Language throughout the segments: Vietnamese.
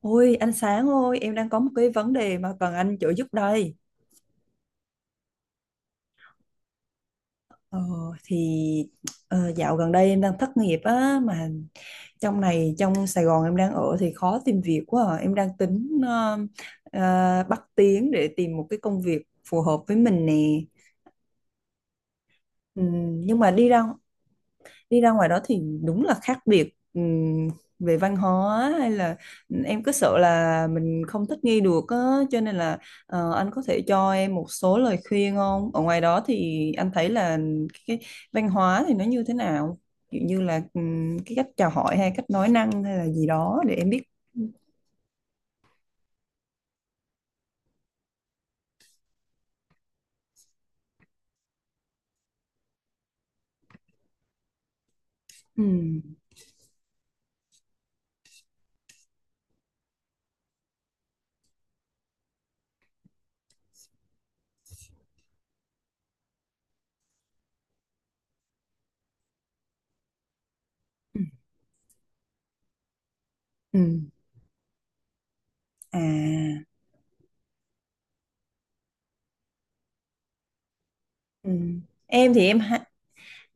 Ôi anh Sáng ơi, em đang có một cái vấn đề mà cần anh trợ giúp đây. Ờ, thì Dạo gần đây em đang thất nghiệp á, mà trong này, trong Sài Gòn em đang ở thì khó tìm việc quá à. Em đang tính bắt tiếng để tìm một cái công việc phù hợp với mình nè. Nhưng mà đi ra ngoài đó thì đúng là khác biệt, về văn hóa hay là em cứ sợ là mình không thích nghi được á, cho nên là anh có thể cho em một số lời khuyên không? Ở ngoài đó thì anh thấy là cái văn hóa thì nó như thế nào? Kiểu như là cái cách chào hỏi hay cách nói năng hay là gì đó để em biết. Ừm, ừm, ừm. À. Ừm. Em thì em ha-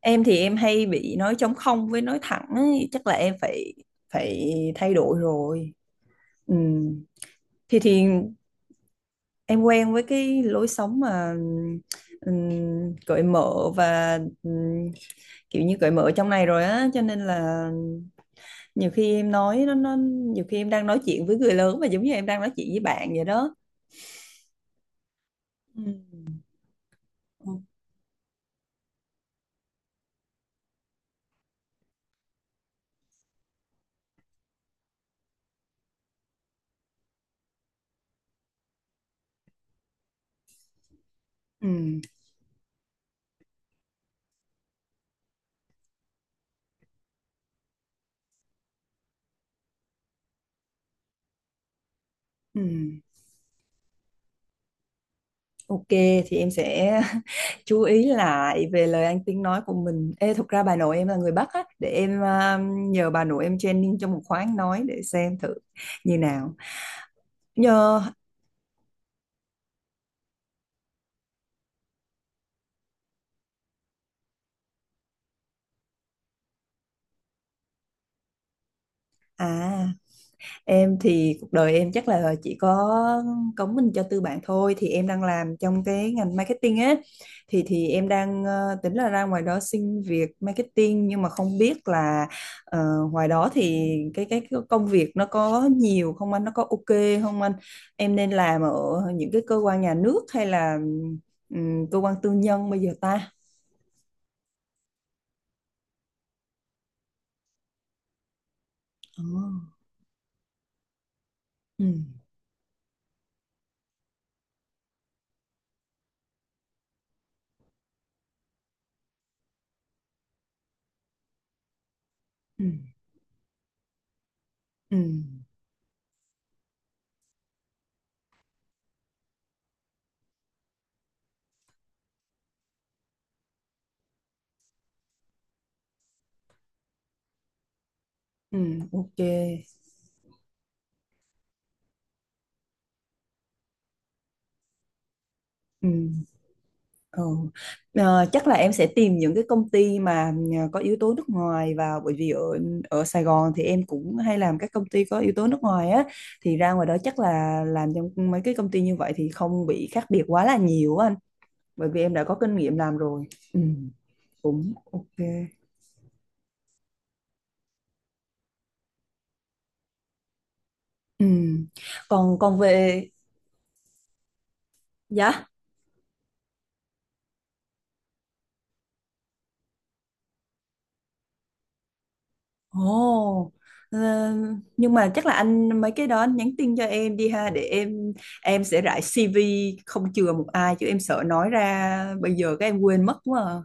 em thì em hay bị nói trống không với nói thẳng ấy. Chắc là em phải phải thay đổi rồi. Ừ. Thì em quen với cái lối sống mà cởi mở và kiểu như cởi mở trong này rồi á, cho nên là nhiều khi em nói nó nó nhiều khi em đang nói chuyện với người lớn mà giống như em đang nói chuyện với bạn vậy đó. Ừ. Ừ. Ừm. Ok, thì em sẽ chú ý lại về lời ăn tiếng nói của mình. Ê, thực ra bà nội em là người Bắc á, để em nhờ bà nội em training cho một khóa ăn nói để xem thử như nào. Nhờ À, em thì cuộc đời em chắc là chỉ có cống mình cho tư bản thôi. Thì em đang làm trong cái ngành marketing á, thì em đang tính là ra ngoài đó xin việc marketing, nhưng mà không biết là ờ, ngoài đó thì cái công việc nó có nhiều không anh, nó có ok không anh, em nên làm ở những cái cơ quan nhà nước hay là cơ quan tư nhân bây giờ ta? Ờ. Ừ. Ừ. Ừ. Ừ. Ok. Ừ. Ừ. Chắc là em sẽ tìm những cái công ty mà có yếu tố nước ngoài vào, bởi vì ở ở Sài Gòn thì em cũng hay làm các công ty có yếu tố nước ngoài á, thì ra ngoài đó chắc là làm trong mấy cái công ty như vậy thì không bị khác biệt quá là nhiều á anh, bởi vì em đã có kinh nghiệm làm rồi. Ừ, cũng ok. Ừ. còn còn về, dạ. Ồ, ờ, nhưng mà chắc là anh mấy cái đó anh nhắn tin cho em đi ha, để em sẽ rải CV không chừa một ai, chứ em sợ nói ra bây giờ các em quên mất quá à.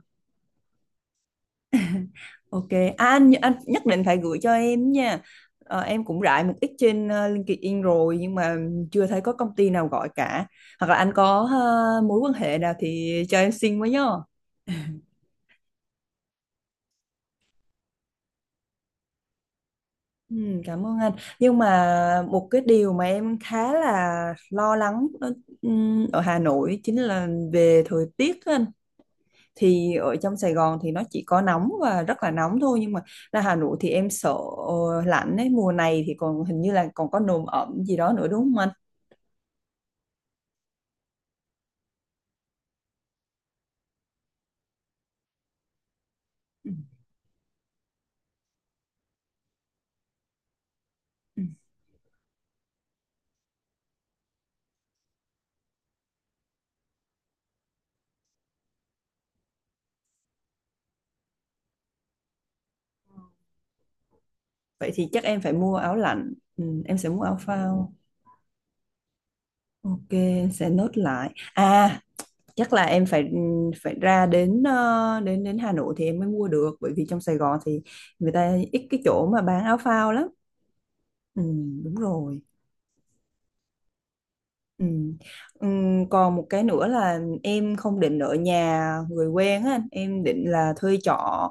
Ok, anh nhất định phải gửi cho em nha. Em cũng rải một ít trên LinkedIn rồi, nhưng mà chưa thấy có công ty nào gọi cả. Hoặc là anh có mối quan hệ nào thì cho em xin với nhá. Ừ, cảm ơn anh, nhưng mà một cái điều mà em khá là lo lắng đó, ở Hà Nội, chính là về thời tiết á anh. Thì ở trong Sài Gòn thì nó chỉ có nóng và rất là nóng thôi, nhưng mà ra Hà Nội thì em sợ lạnh ấy. Mùa này thì còn hình như là còn có nồm ẩm gì đó nữa, đúng không anh? Ừ. Ừ. Vậy thì chắc em phải mua áo lạnh, ừ, em sẽ mua áo phao. Ok, em sẽ nốt lại. À, chắc là em phải, ừ, phải ra đến ờ, đến đến Hà Nội thì em mới mua được, bởi vì trong Sài Gòn thì người ta ít cái chỗ mà bán áo phao lắm. Ừ, đúng rồi. Ừ. Ừ, còn một cái nữa là em không định ở nhà người quen á anh. Em định là thuê trọ,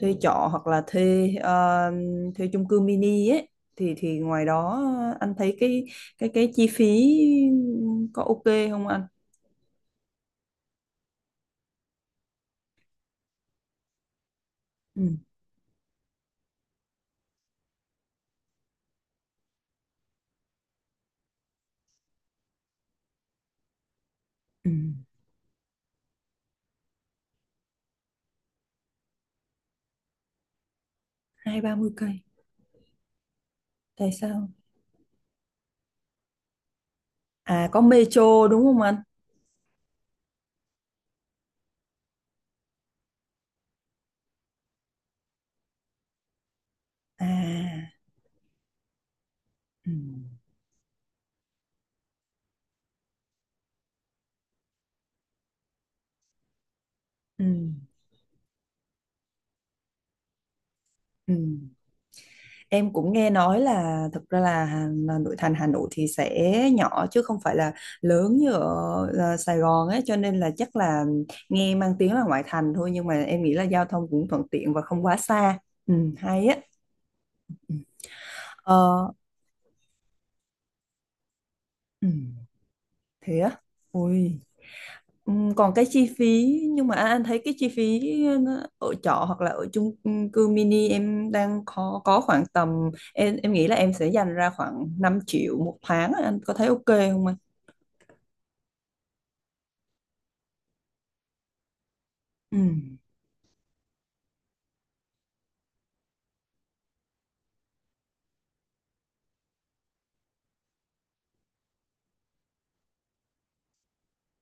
hoặc là thuê chung cư mini ấy. Thì ngoài đó anh thấy cái chi phí có ok không anh? Ừ. Ừ. 20-30 cây? Tại sao? À, có Metro đúng không anh? À, ừ, ừ, ừ. Em cũng nghe nói là, thực ra là, là nội thành Hà Nội thì sẽ nhỏ chứ không phải là lớn như ở Sài Gòn ấy, cho nên là chắc là nghe mang tiếng là ngoại thành thôi, nhưng mà em nghĩ là giao thông cũng thuận tiện và không quá xa. Ừ, hay á. Ừ. Ờ, ừ, thế á. Ui. Còn cái chi phí, nhưng mà anh thấy cái chi phí nó, ở trọ hoặc là ở chung cư mini em đang có khoảng tầm, em nghĩ là em sẽ dành ra khoảng 5 triệu một tháng á, anh có thấy ok không anh? Ừm,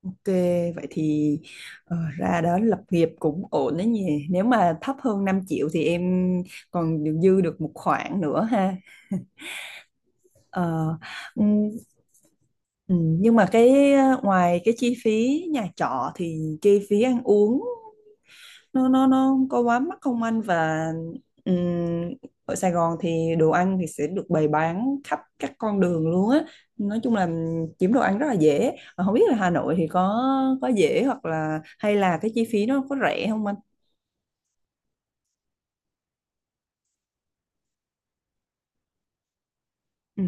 ok, vậy thì ra đó lập nghiệp cũng ổn đấy nhỉ. Nếu mà thấp hơn 5 triệu thì em còn được dư được một khoản nữa ha. Ờ, ừm, Ừ, nhưng mà ngoài cái chi phí nhà trọ thì chi phí ăn uống nó không có quá mắc không anh? Và ừm, ở Sài Gòn thì đồ ăn thì sẽ được bày bán khắp các con đường luôn á, nói chung là kiếm đồ ăn rất là dễ. Mà không biết là Hà Nội thì có dễ hoặc là, hay là cái chi phí nó có rẻ không anh? Ừ.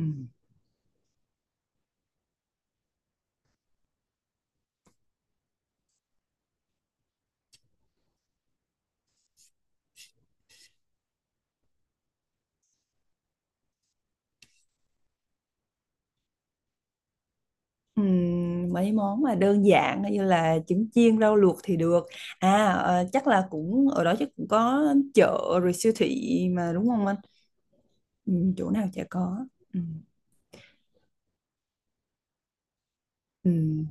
Mấy món mà đơn giản như là trứng chiên, rau luộc thì được. Chắc là cũng ở đó chắc cũng có chợ rồi siêu thị mà, đúng không anh? Chỗ nào chả có. Ừm. Ừm.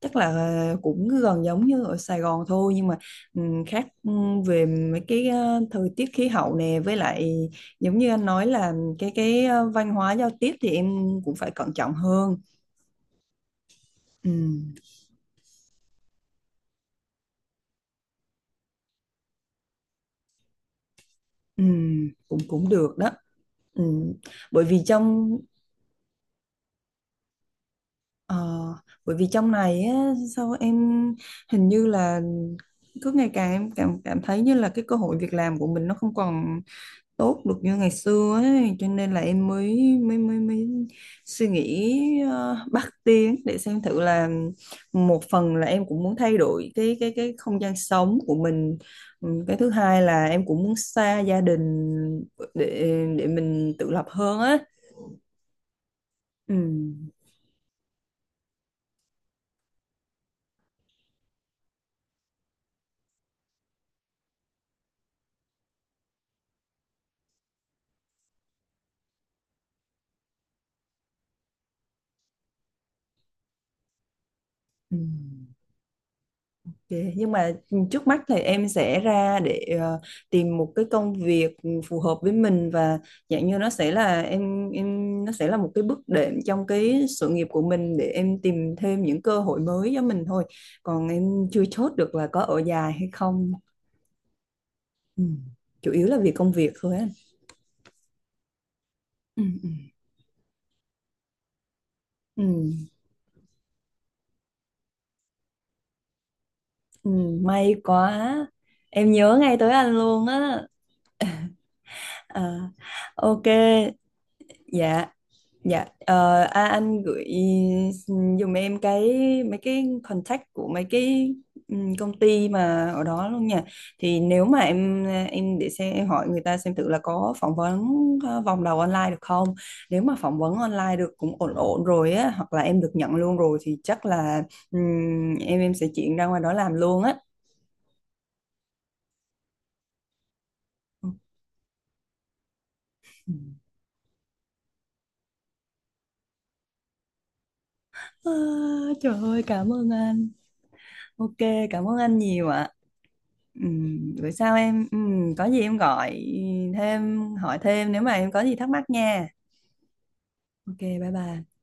Chắc là cũng gần giống như ở Sài Gòn thôi, nhưng mà khác về mấy cái thời tiết khí hậu nè, với lại giống như anh nói là cái văn hóa giao tiếp thì em cũng phải cẩn trọng hơn. Ừm, cũng cũng được đó. Ừm, bởi vì trong ờ, Bởi vì trong này á, sao em hình như là cứ ngày càng em cảm cảm thấy như là cái cơ hội việc làm của mình nó không còn tốt được như ngày xưa ấy, cho nên là em mới, mới suy nghĩ bắt tiếng để xem thử là, một phần là em cũng muốn thay đổi cái không gian sống của mình. Cái thứ hai là em cũng muốn xa gia đình để để mình tự lập hơn á. Ừm. Ừm. Ok, nhưng mà trước mắt thì em sẽ ra để tìm một cái công việc phù hợp với mình, và dạng như nó sẽ là nó sẽ là một cái bước đệm trong cái sự nghiệp của mình để em tìm thêm những cơ hội mới cho mình thôi. Còn em chưa chốt được là có ở dài hay không. Ừ. Chủ yếu là vì công việc thôi á. Ừ, ừ, ừ, ừ, may quá. Em nhớ ngay tới anh luôn á. À, ok, dạ. Dạ, à, anh gửi dùm em cái, mấy cái contact của mấy cái công ty mà ở đó luôn nha. Thì nếu mà em để xem em hỏi người ta xem thử là có phỏng vấn vòng đầu online được không. Nếu mà phỏng vấn online được cũng ổn ổn rồi á, hoặc là em được nhận luôn rồi thì chắc là em sẽ chuyển ra ngoài đó làm luôn á. Ừ. À, trời ơi, cảm ơn anh. Ok, cảm ơn anh nhiều ạ. Ừ, bữa sau em, có gì em gọi thêm, hỏi thêm nếu mà em có gì thắc mắc nha. Ok, bye bye.